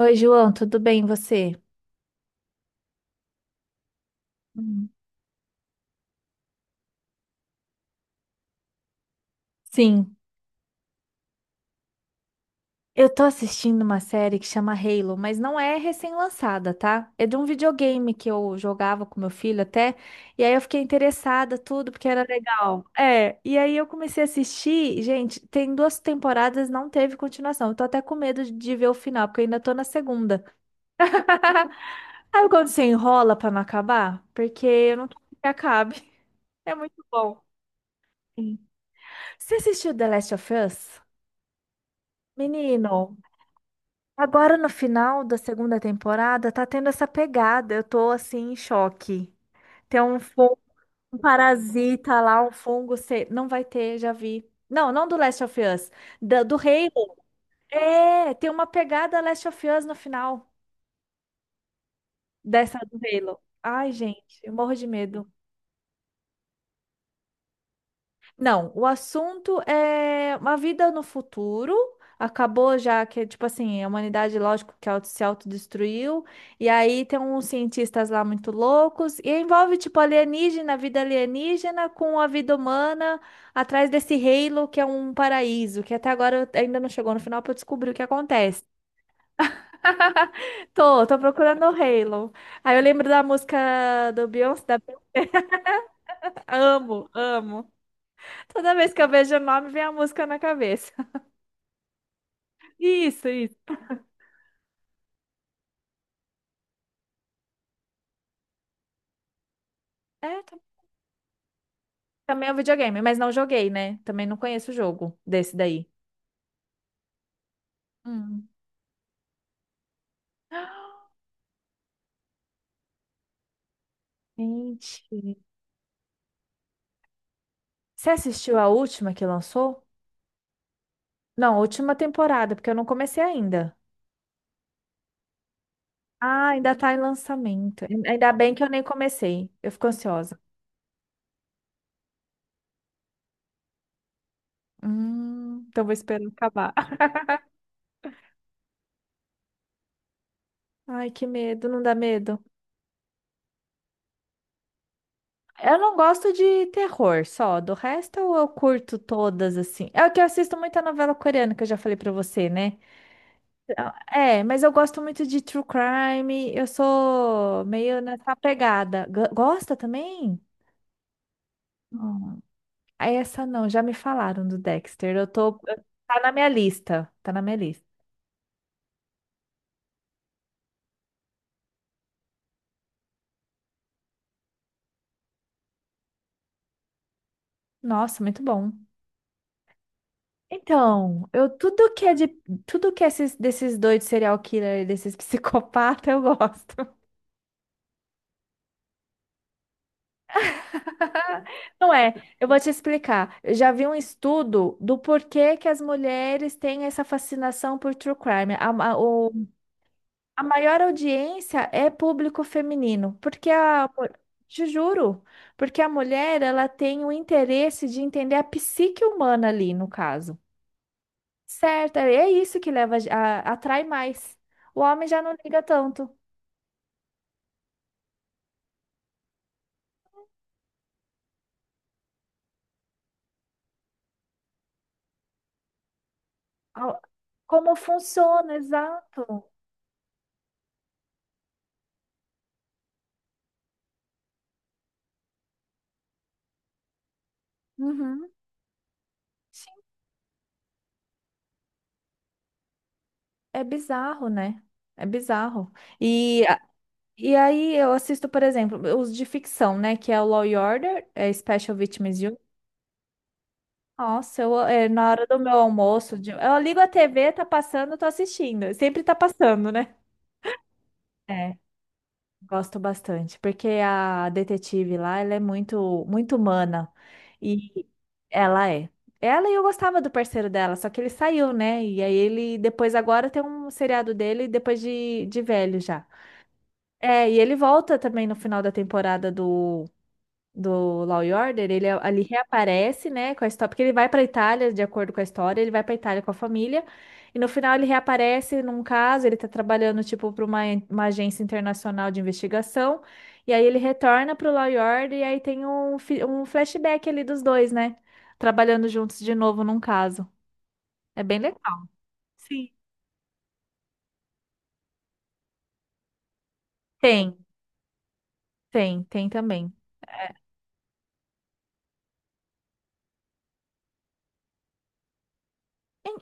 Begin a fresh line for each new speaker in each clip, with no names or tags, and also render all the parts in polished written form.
Oi, João, tudo bem, e você? Hum. Sim, eu tô assistindo uma série que chama Halo, mas não é recém-lançada, tá? É de um videogame que eu jogava com meu filho até, e aí eu fiquei interessada, tudo, porque era legal. É, e aí eu comecei a assistir, gente, tem duas temporadas, não teve continuação. Eu tô até com medo de ver o final, porque eu ainda tô na segunda. Sabe quando você enrola pra não acabar? Porque eu não quero que acabe. É muito bom. Sim. Você assistiu The Last of Us? Menino. Agora no final da segunda temporada tá tendo essa pegada. Eu tô assim em choque. Tem um fungo, um parasita lá, um fungo, não vai ter, já vi. Não, não do Last of Us, do Halo. É, tem uma pegada Last of Us no final dessa do Halo. Ai, gente, eu morro de medo. Não, o assunto é uma vida no futuro. Acabou já que, tipo assim, a humanidade, lógico, que se autodestruiu. E aí tem uns cientistas lá muito loucos. E envolve, tipo, alienígena, vida alienígena com a vida humana atrás desse Halo, que é um paraíso. Que até agora ainda não chegou no final pra eu descobrir o que acontece. Tô procurando o Halo. Aí eu lembro da música do Beyoncé, da amo, amo. Toda vez que eu vejo o nome, vem a música na cabeça. Isso, isso. É, também é um videogame, mas não joguei, né? Também não conheço o jogo desse daí. Hum. Gente. Você assistiu a última que lançou? Não, a última temporada, porque eu não comecei ainda. Ah, ainda tá em lançamento. Ainda bem que eu nem comecei. Eu fico ansiosa. Então vou esperar acabar. Ai, que medo, não dá medo. Eu não gosto de terror só. Do resto eu curto todas assim. É o que eu assisto muita novela coreana, que eu já falei pra você, né? É, mas eu gosto muito de true crime. Eu sou meio nessa pegada. Gosta também? Hum, Ah, essa não, já me falaram do Dexter. Tá na minha lista, tá na minha lista. Nossa, muito bom. Então, eu tudo que é de tudo que é esses, desses doidos serial killer, desses psicopatas, eu gosto. Não é, eu vou te explicar. Eu já vi um estudo do porquê que as mulheres têm essa fascinação por true crime. A- o A maior audiência é público feminino, porque a, te juro, porque a mulher ela tem o interesse de entender a psique humana ali, no caso. Certo, é isso que leva a, atrai mais. O homem já não liga tanto. ao- Como funciona, exato. Uhum. Sim, é bizarro, né? É bizarro. E, a- e aí eu assisto, por exemplo, os de ficção, né? Que é o Law e Order, é Special Victims. Nossa, eu, é, na hora do meu almoço, eu ligo a TV, tá passando, tô assistindo. Sempre tá passando, né? É, gosto bastante, porque a detetive lá, ela é muito, muito humana. E ela é. Ela e eu gostava do parceiro dela, só que ele saiu, né? E aí ele, depois agora tem um seriado dele, depois de velho já. É, e ele volta também no final da temporada do Law e Order, ele ali reaparece, né, com a história, porque ele vai para Itália, de acordo com a história, ele vai para Itália com a família, e no final ele reaparece num caso, ele tá trabalhando tipo para uma agência internacional de investigação, e aí ele retorna pro Law e Order e aí tem um, um flashback ali dos dois, né, trabalhando juntos de novo num caso. É bem legal. Sim. Tem, tem também. É.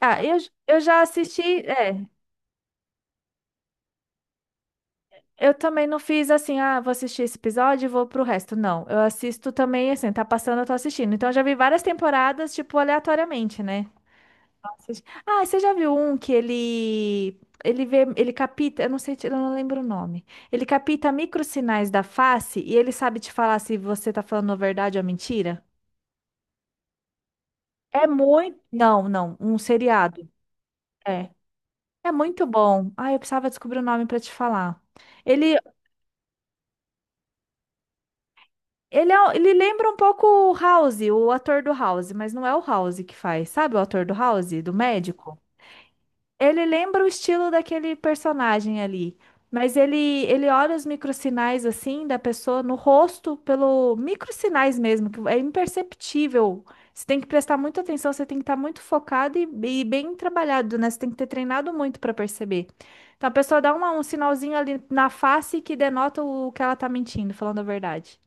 Ah, eu já assisti, é. Eu também não fiz assim, ah, vou assistir esse episódio e vou pro resto. Não, eu assisto também, assim, tá passando, eu tô assistindo. Então, eu já vi várias temporadas, tipo, aleatoriamente, né? Ah, você já viu um que ele Ele vê, ele capta, eu não sei, eu não lembro o nome. Ele capta microsinais da face e ele sabe te falar se você tá falando a verdade ou a mentira? É muito... não, não, um seriado. É. É muito bom. Ah, eu precisava descobrir o nome pra te falar. Ele ele lembra um pouco o House, o ator do House, mas não é o House que faz. Sabe o ator do House, do médico? Ele lembra o estilo daquele personagem ali. Mas ele, ele olha os microsinais assim da pessoa no rosto, pelo microsinais mesmo, que é imperceptível. Você tem que prestar muita atenção, você tem que estar muito focado e bem trabalhado, né? Você tem que ter treinado muito para perceber. Então a pessoa dá um sinalzinho ali na face que denota o que ela tá mentindo, falando a verdade.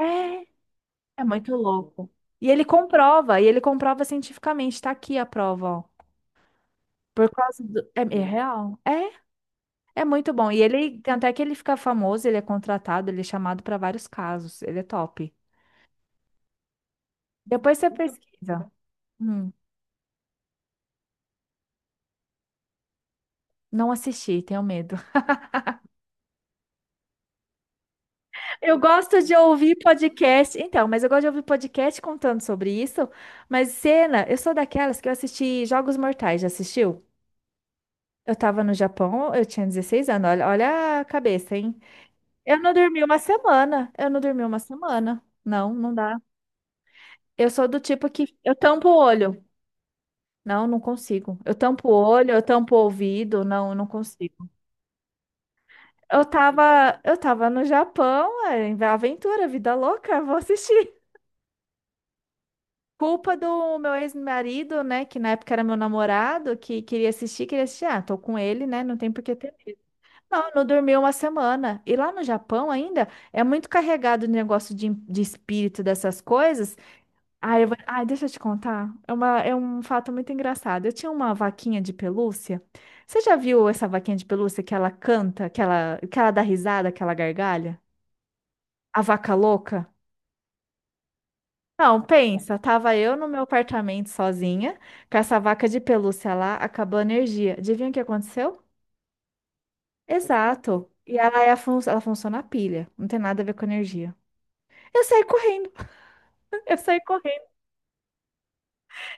É, é muito louco. E ele comprova cientificamente, tá aqui a prova, ó. Por causa do... é, é real. É, é muito bom. E ele, tem até que ele fica famoso, ele é contratado, ele é chamado para vários casos. Ele é top. Depois você pesquisa. Hum, não assisti, tenho medo. Eu gosto de ouvir podcast. Então, mas eu gosto de ouvir podcast contando sobre isso. Mas cena, eu sou daquelas que eu assisti Jogos Mortais, já assistiu? Eu tava no Japão, eu tinha 16 anos. Olha, olha a cabeça, hein? Eu não dormi uma semana. Eu não dormi uma semana. Não, não dá. Eu sou do tipo que eu tampo o olho. Não, não consigo. Eu tampo o olho, eu tampo o ouvido. Não, não consigo. Eu tava no Japão, é, em aventura, vida louca, vou assistir. Culpa do meu ex-marido, né, que na época era meu namorado, que queria assistir, queria assistir. Ah, tô com ele, né, não tem por que ter. Não, não dormi uma semana. E lá no Japão ainda é muito carregado o negócio de espírito dessas coisas. Ah, eu vou... ah, deixa eu te contar. É uma... é um fato muito engraçado. Eu tinha uma vaquinha de pelúcia. Você já viu essa vaquinha de pelúcia que ela canta, que ela dá risada, que ela gargalha? A vaca louca? Não, pensa, tava eu no meu apartamento sozinha, com essa vaca de pelúcia lá, acabou a energia. Adivinha o que aconteceu? Exato. E ela, ela funciona a pilha, não tem nada a ver com energia. Eu saí correndo, eu saí correndo.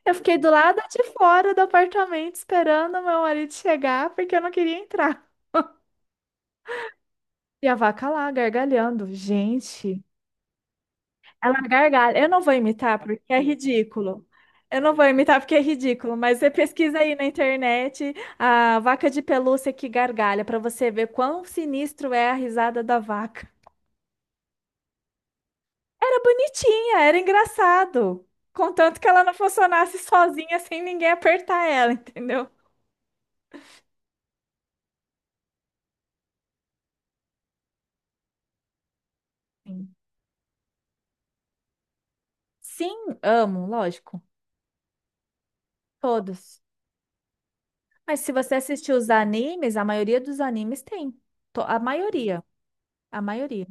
Eu fiquei do lado de fora do apartamento esperando o meu marido chegar porque eu não queria entrar. E a vaca lá gargalhando. Gente, ela gargalha. Eu não vou imitar porque é ridículo. Eu não vou imitar porque é ridículo, mas você pesquisa aí na internet a vaca de pelúcia que gargalha para você ver quão sinistro é a risada da vaca. Era bonitinha, era engraçado. Contanto que ela não funcionasse sozinha sem ninguém apertar ela, entendeu? Sim, sim, amo, lógico. Todos. Mas se você assistir os animes, a maioria dos animes tem. A maioria. A maioria.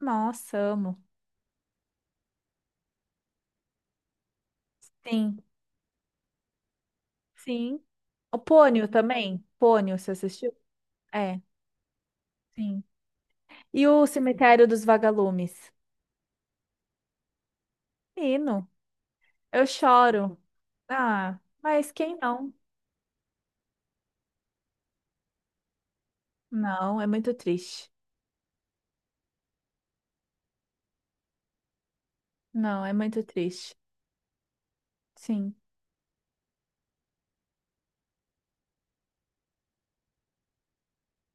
Nossa, amo. Sim, sim. O Pônio também. Pônio, você assistiu? É, sim. E o Cemitério dos Vagalumes? Menino, eu choro. Ah, mas quem não? Não, é muito triste. Não, é muito triste. Sim,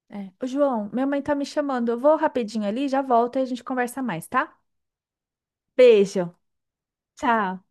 é. Ô, João, minha mãe tá me chamando. Eu vou rapidinho ali, já volto e a gente conversa mais, tá? Beijo. Tchau.